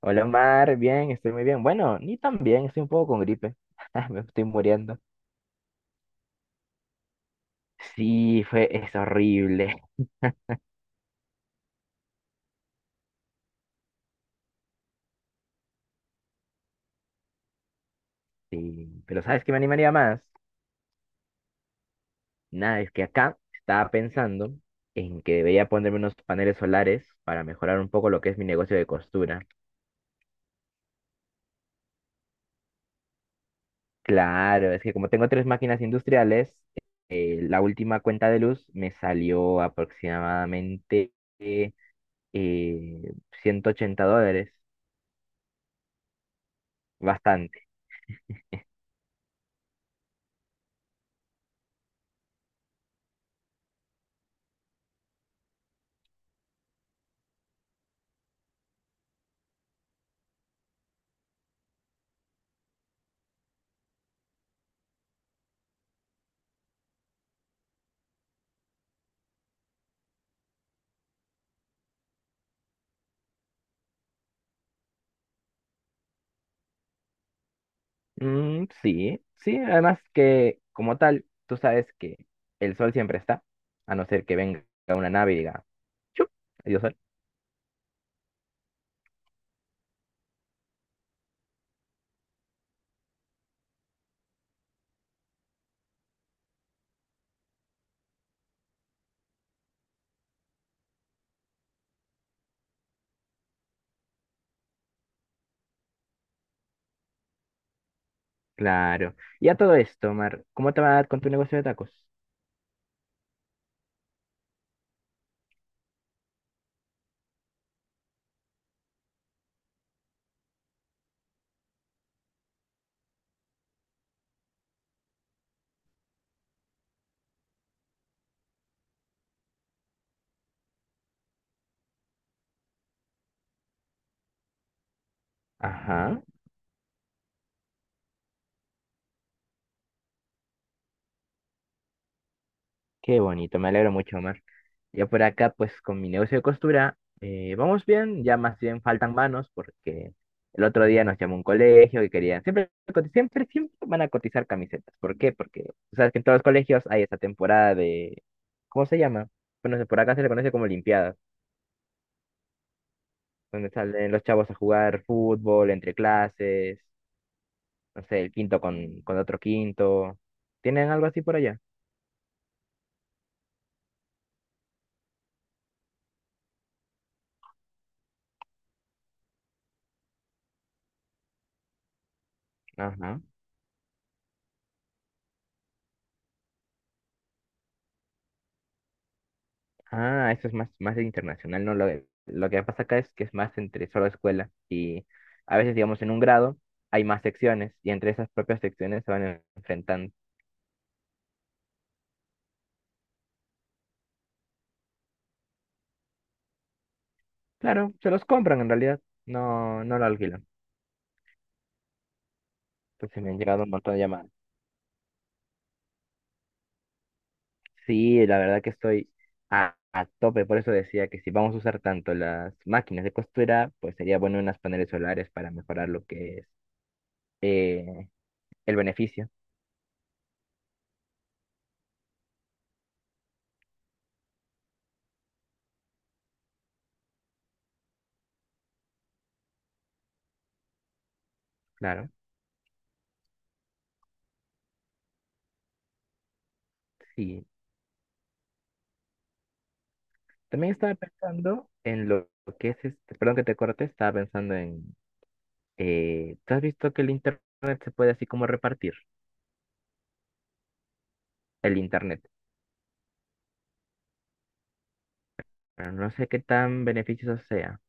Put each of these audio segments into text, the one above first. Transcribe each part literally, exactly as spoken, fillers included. Hola Omar, bien, estoy muy bien. Bueno, ni tan bien, estoy un poco con gripe. Me estoy muriendo. Sí, fue, es horrible. Sí. Pero ¿sabes qué me animaría más? Nada, es que acá estaba pensando en que debería ponerme unos paneles solares para mejorar un poco lo que es mi negocio de costura. Claro, es que como tengo tres máquinas industriales, eh, la última cuenta de luz me salió aproximadamente eh, ciento ochenta dólares. Mm, sí, sí, además que como tal, tú sabes que el sol siempre está, a no ser que venga una nave y diga, ¡chup! Adiós sol. Claro. Y a todo esto, Mar, ¿cómo te va con tu negocio de tacos? Ajá. Qué bonito, me alegro mucho, Omar. Ya por acá, pues con mi negocio de costura, eh, vamos bien, ya más bien faltan manos porque el otro día nos llamó un colegio y querían, siempre, coti- siempre, siempre van a cotizar camisetas. ¿Por qué? Porque tú sabes que en todos los colegios hay esta temporada de, ¿cómo se llama? Bueno, se- por acá se le conoce como limpiadas, donde salen los chavos a jugar fútbol entre clases, no sé, el quinto con, con otro quinto. ¿Tienen algo así por allá? Ajá. Ah, eso es más, más internacional, ¿no? Lo, lo que pasa acá es que es más entre solo escuela y a veces, digamos, en un grado hay más secciones y entre esas propias secciones se van en- enfrentando. Claro, se los compran en realidad, no, no lo alquilan. Entonces me han llegado un montón de llamadas. Sí, la verdad que estoy a, a tope, por eso decía que si vamos a usar tanto las máquinas de costura, pues sería bueno unas paneles solares para mejorar lo que es eh, el beneficio, claro. Sí, también estaba pensando en lo que es este, perdón que te corte, estaba pensando en, eh, ¿tú has visto que el internet se puede así como repartir? El internet, pero no sé qué tan beneficioso sea.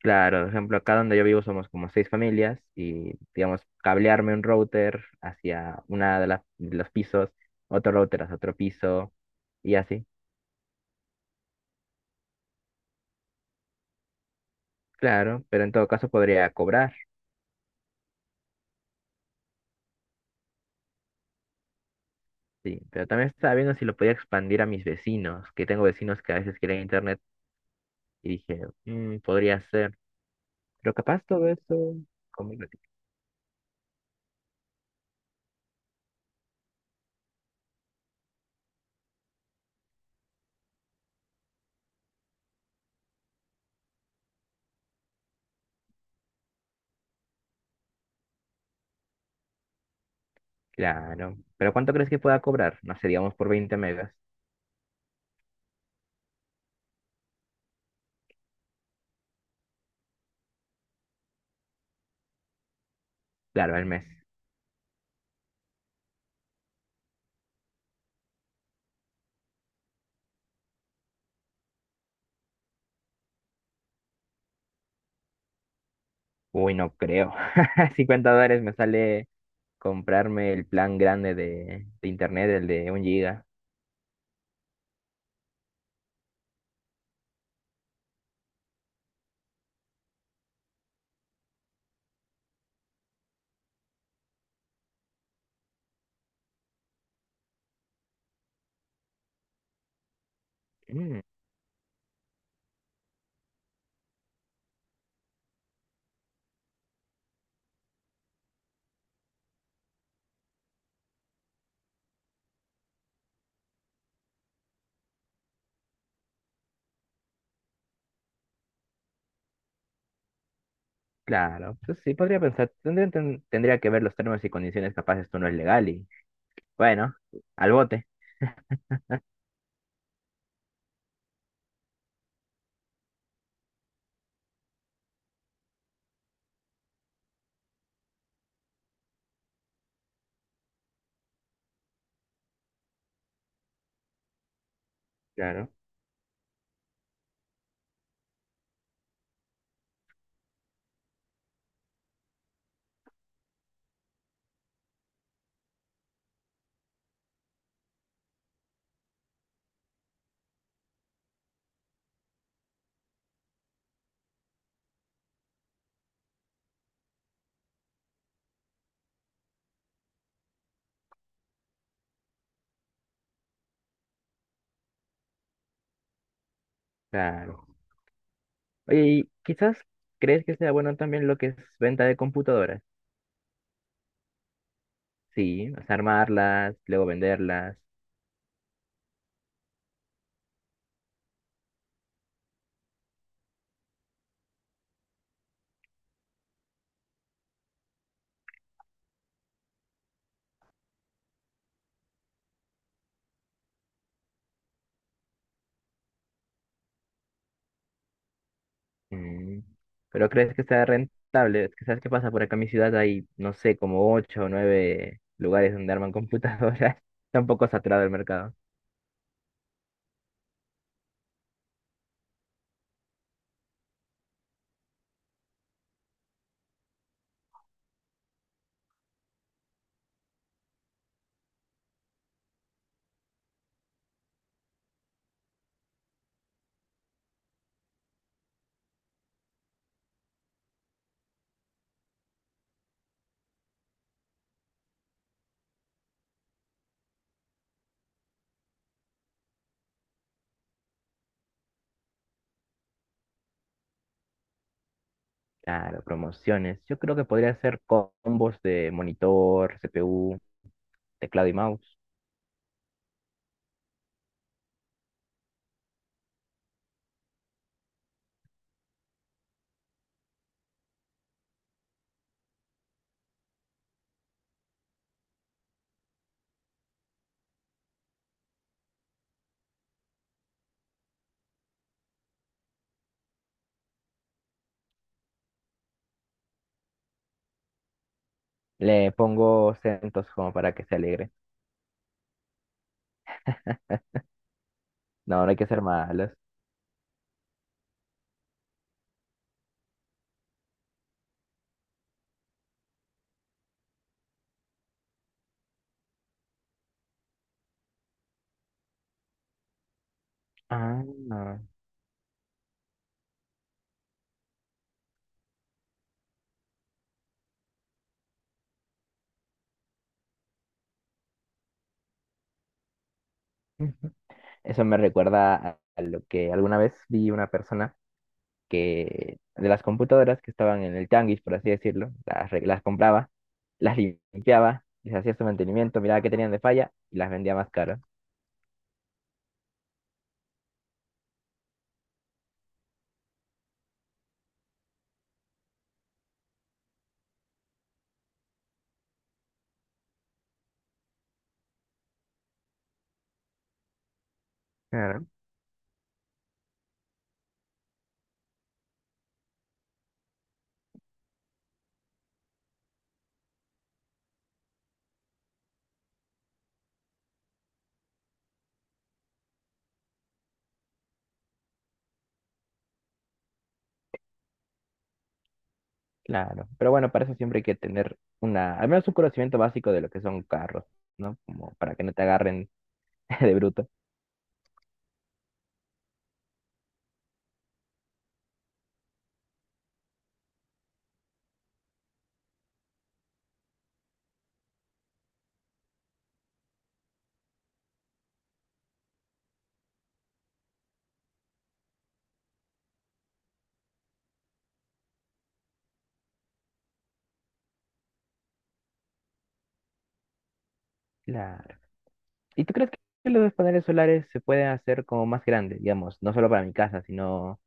Claro, por ejemplo, acá donde yo vivo somos como seis familias y, digamos, cablearme un router hacia una de las, de los pisos, otro router hacia otro piso y así. Claro, pero en todo caso podría cobrar, sí. Pero también estaba viendo si lo podía expandir a mis vecinos, que tengo vecinos que a veces quieren internet. Y dije, "Mm, podría ser, pero capaz todo eso conmigo." Claro, pero ¿cuánto crees que pueda cobrar? No sé, digamos por veinte megas. Claro, al mes. Uy, no creo. Cincuenta dólares me sale comprarme el plan grande de, de internet, el de un giga. Mm, claro, pues sí, podría pensar. Tendría, ten- tendría que ver los términos y condiciones, capaz esto no es legal y bueno, al bote. Claro, claro. Oye, y quizás crees que sea bueno también lo que es venta de computadoras. Sí, o sea, armarlas, luego venderlas. Mm, pero crees que sea rentable. Es que sabes qué pasa, por acá en mi ciudad hay, no sé, como ocho o nueve lugares donde arman computadoras. Está un poco saturado el mercado. Claro, promociones. Yo creo que podría hacer combos de monitor, C P U, teclado y mouse. Le pongo centos como para que se alegre. No, no hay que ser malos. Ah, no. Eso me recuerda a a lo que alguna vez vi una persona que de las computadoras que estaban en el tianguis, por así decirlo, las, re- las compraba, las limpiaba, les hacía su mantenimiento, miraba qué tenían de falla y las vendía más caras. Claro. Claro, pero bueno, para eso siempre hay que tener una, al menos un conocimiento básico de lo que son carros, ¿no? Como para que no te agarren de bruto. Claro. ¿Y tú crees que los paneles solares se pueden hacer como más grandes, digamos, no solo para mi casa, sino,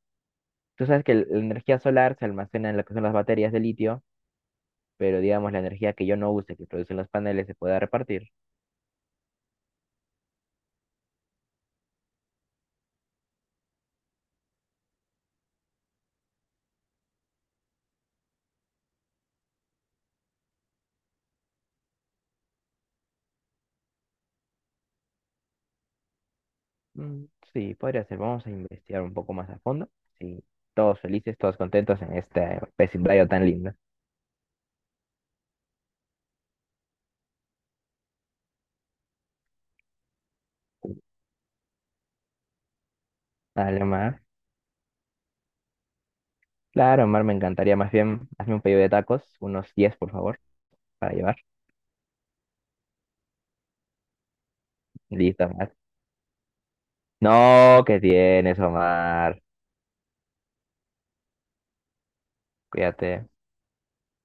tú sabes que el- la energía solar se almacena en lo que son las baterías de litio pero digamos la energía que yo no use, que producen los paneles, se pueda repartir. Mm, sí, podría ser. Vamos a investigar un poco más a fondo. Sí, todos felices, todos contentos en este vecindario tan lindo. Dale, Mar. Claro, Mar, me encantaría. Más bien, hazme un pedido de tacos, unos diez por favor, para llevar. Listo, Mar. No, ¿qué tienes, Omar? Cuídate.